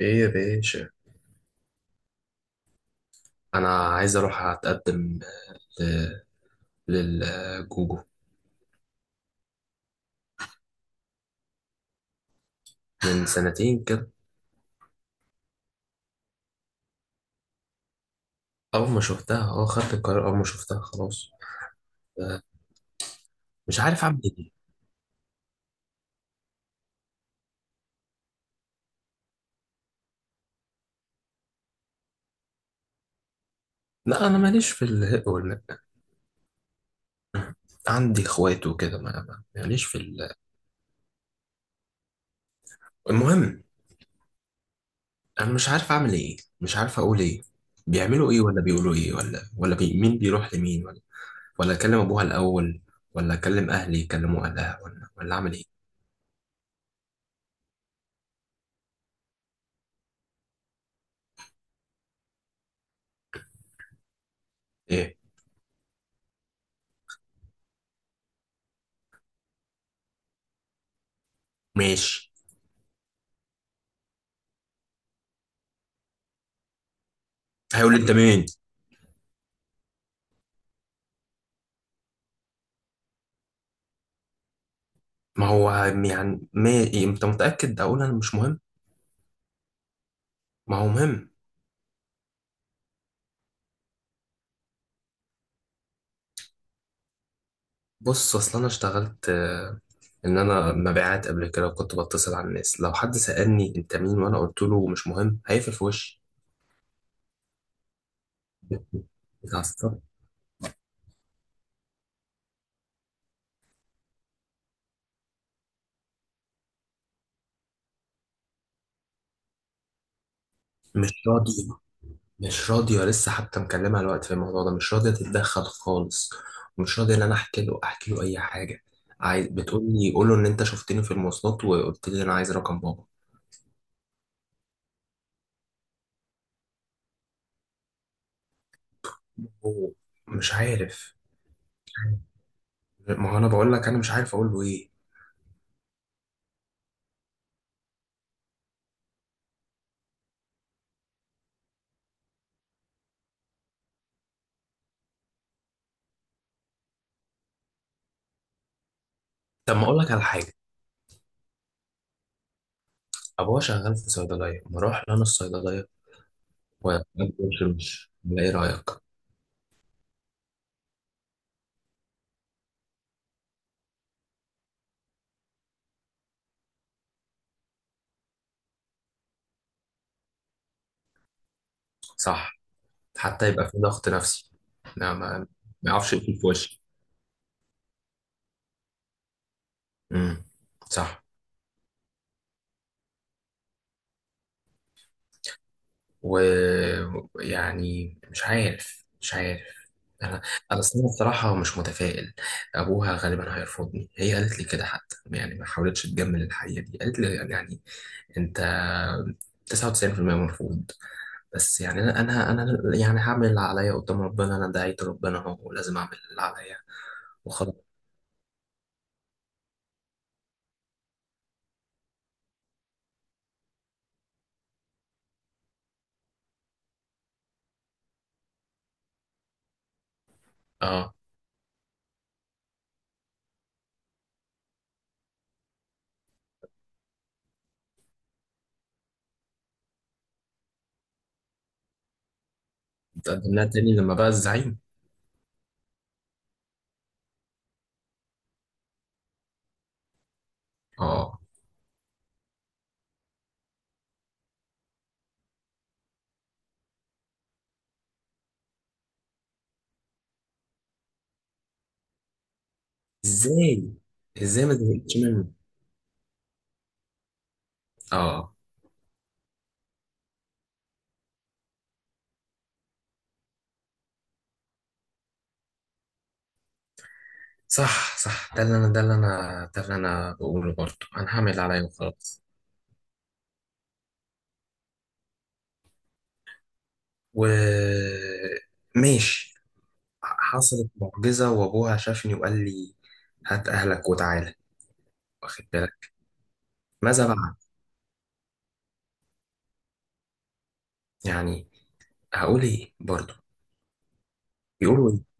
ايه يا باشا. انا عايز اروح اتقدم ل- للجوجو. من سنتين كده. اول ما شفتها خدت القرار، اول ما شفتها خلاص. آه. مش عارف اعمل ايه. لا انا ماليش في الهق والمق. عندي اخوات وكده، ماليش. المهم. انا مش عارف اعمل ايه، مش عارف اقول ايه. بيعملوا ايه ولا بيقولوا ايه ولا مين بيروح لمين؟ ولا اكلم ابوها الاول، ولا اكلم اهلي يكلموا اهلها، ولا اعمل ايه؟ ايه. ماشي. هيقول لي انت مين. ما هو يعني ما إيه، انت متأكد اقول انا مش مهم؟ ما هو مهم. بص، اصل انا اشتغلت ان انا مبيعات قبل كده، وكنت بتصل على الناس. لو حد سألني انت مين وانا قلت له مش مهم هيقفل في وشي. اتعصبت. مش راضية. مش راضية لسه، حتى مكلمها الوقت في الموضوع ده مش راضية تتدخل خالص. مش راضية ان انا احكي له احكي له اي حاجة. عايز بتقول لي قول له ان انت شفتني في المواصلات وقلت لي انا عايز رقم بابا. هو مش عارف. ما هو انا بقول لك انا مش عارف اقول له ايه. طب ما اقول لك على حاجه. ابوها شغال في صيدليه، ما اروح لأنا الصيدليه. ومش ايه رايك؟ صح. حتى يبقى في ضغط نفسي. لا ما ما يعرفش يقفل في وشي. امم. صح. ويعني مش عارف مش عارف. انا انا أصل أنا بصراحه مش متفائل. ابوها غالبا هيرفضني. هي قالت لي كده حتى، يعني ما حاولتش تجمل الحقيقه دي، قالت لي يعني انت 99% مرفوض. بس يعني انا يعني هعمل اللي عليا قدام ربنا. انا دعيت ربنا اهو ولازم اعمل اللي عليا وخلاص. اه. تقدم لها تاني لما بقى الزعيم؟ اه. ازاي؟ ازاي ما زهقتش منه؟ اه. صح، صح. ده اللي انا بقوله برضه. انا هعمل اللي عليا وخلاص. و ماشي. حصلت معجزة وابوها شافني وقال لي هات اهلك وتعالى. واخد بالك؟ ماذا بعد؟ يعني هقول ايه برضه؟ يقولوا ايه؟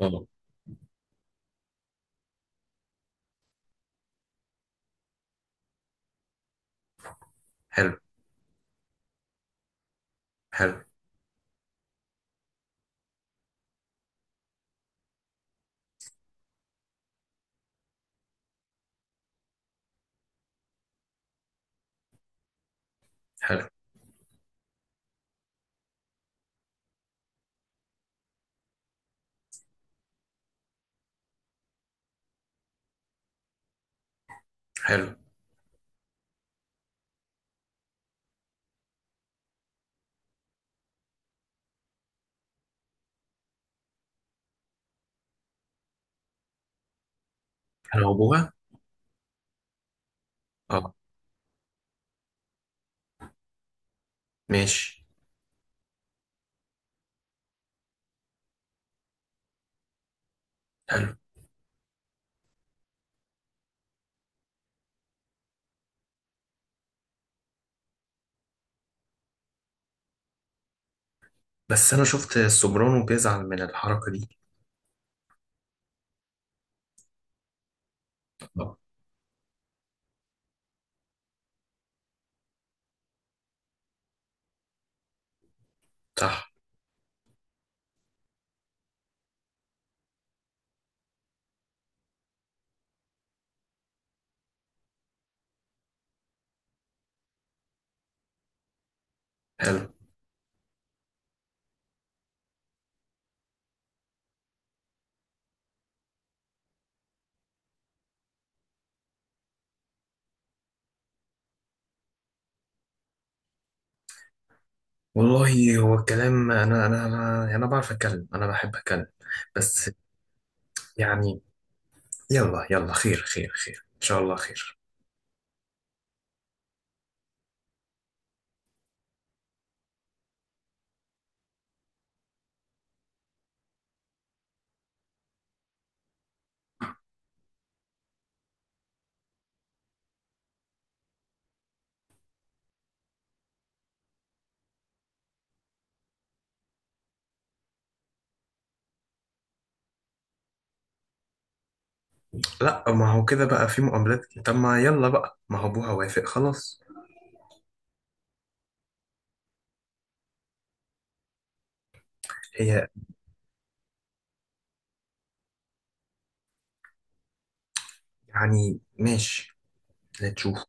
اه. حلو. حلو. حلو. حلو. حلو، ابوها. اه. ماشي. حلو. بس انا شفت السوبرانو بيزعل من الحركه دي. اه. صح. حلو. والله هو الكلام، انا انا بعرف اتكلم، انا بحب اتكلم. بس يعني، يلا يلا، خير خير خير ان شاء الله خير. لا ما هو كده بقى في مقابلات، طب ما يلا بقى، ما هو ابوها وافق خلاص. هي يعني ماشي، نشوف.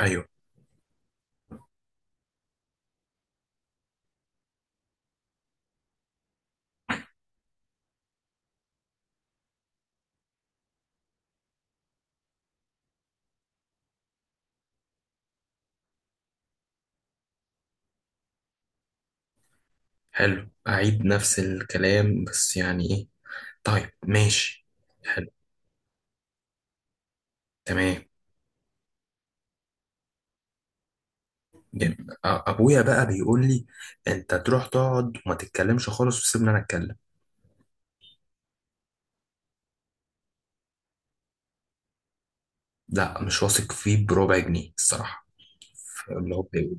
ايوه. حلو، اعيد نفس الكلام بس يعني ايه؟ طيب ماشي. حلو. تمام. جميل. ابويا بقى بيقول لي انت تروح تقعد وما تتكلمش خالص وسيبني انا اتكلم. لا مش واثق فيه بربع جنيه الصراحه. اللي هو بيقول.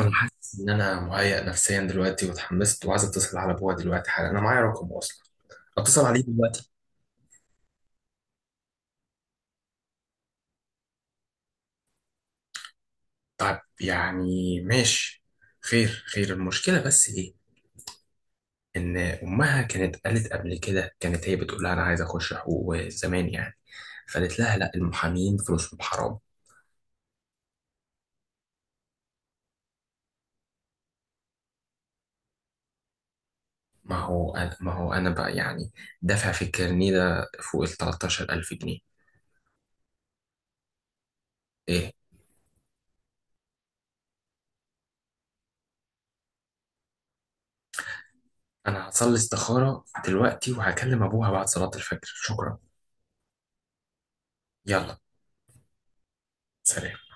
انا حاسس ان انا مهيأ نفسيا دلوقتي واتحمست، وعايز اتصل على ابويا دلوقتي حالا، انا معايا رقمه اصلا. اتصل عليه دلوقتي. طب يعني ماشي. خير خير، المشكله بس ايه؟ ان امها كانت قالت قبل كده، كانت هي بتقول لها انا عايز اخش حقوق زمان يعني، فقالت لها لا المحامين فلوسهم حرام. ما هو أنا بقى يعني، دافع في الكارنيه ده فوق ال 13,000 جنيه. إيه؟ أنا هصلي استخارة دلوقتي وهكلم أبوها بعد صلاة الفجر. شكرا. يلا. سلام.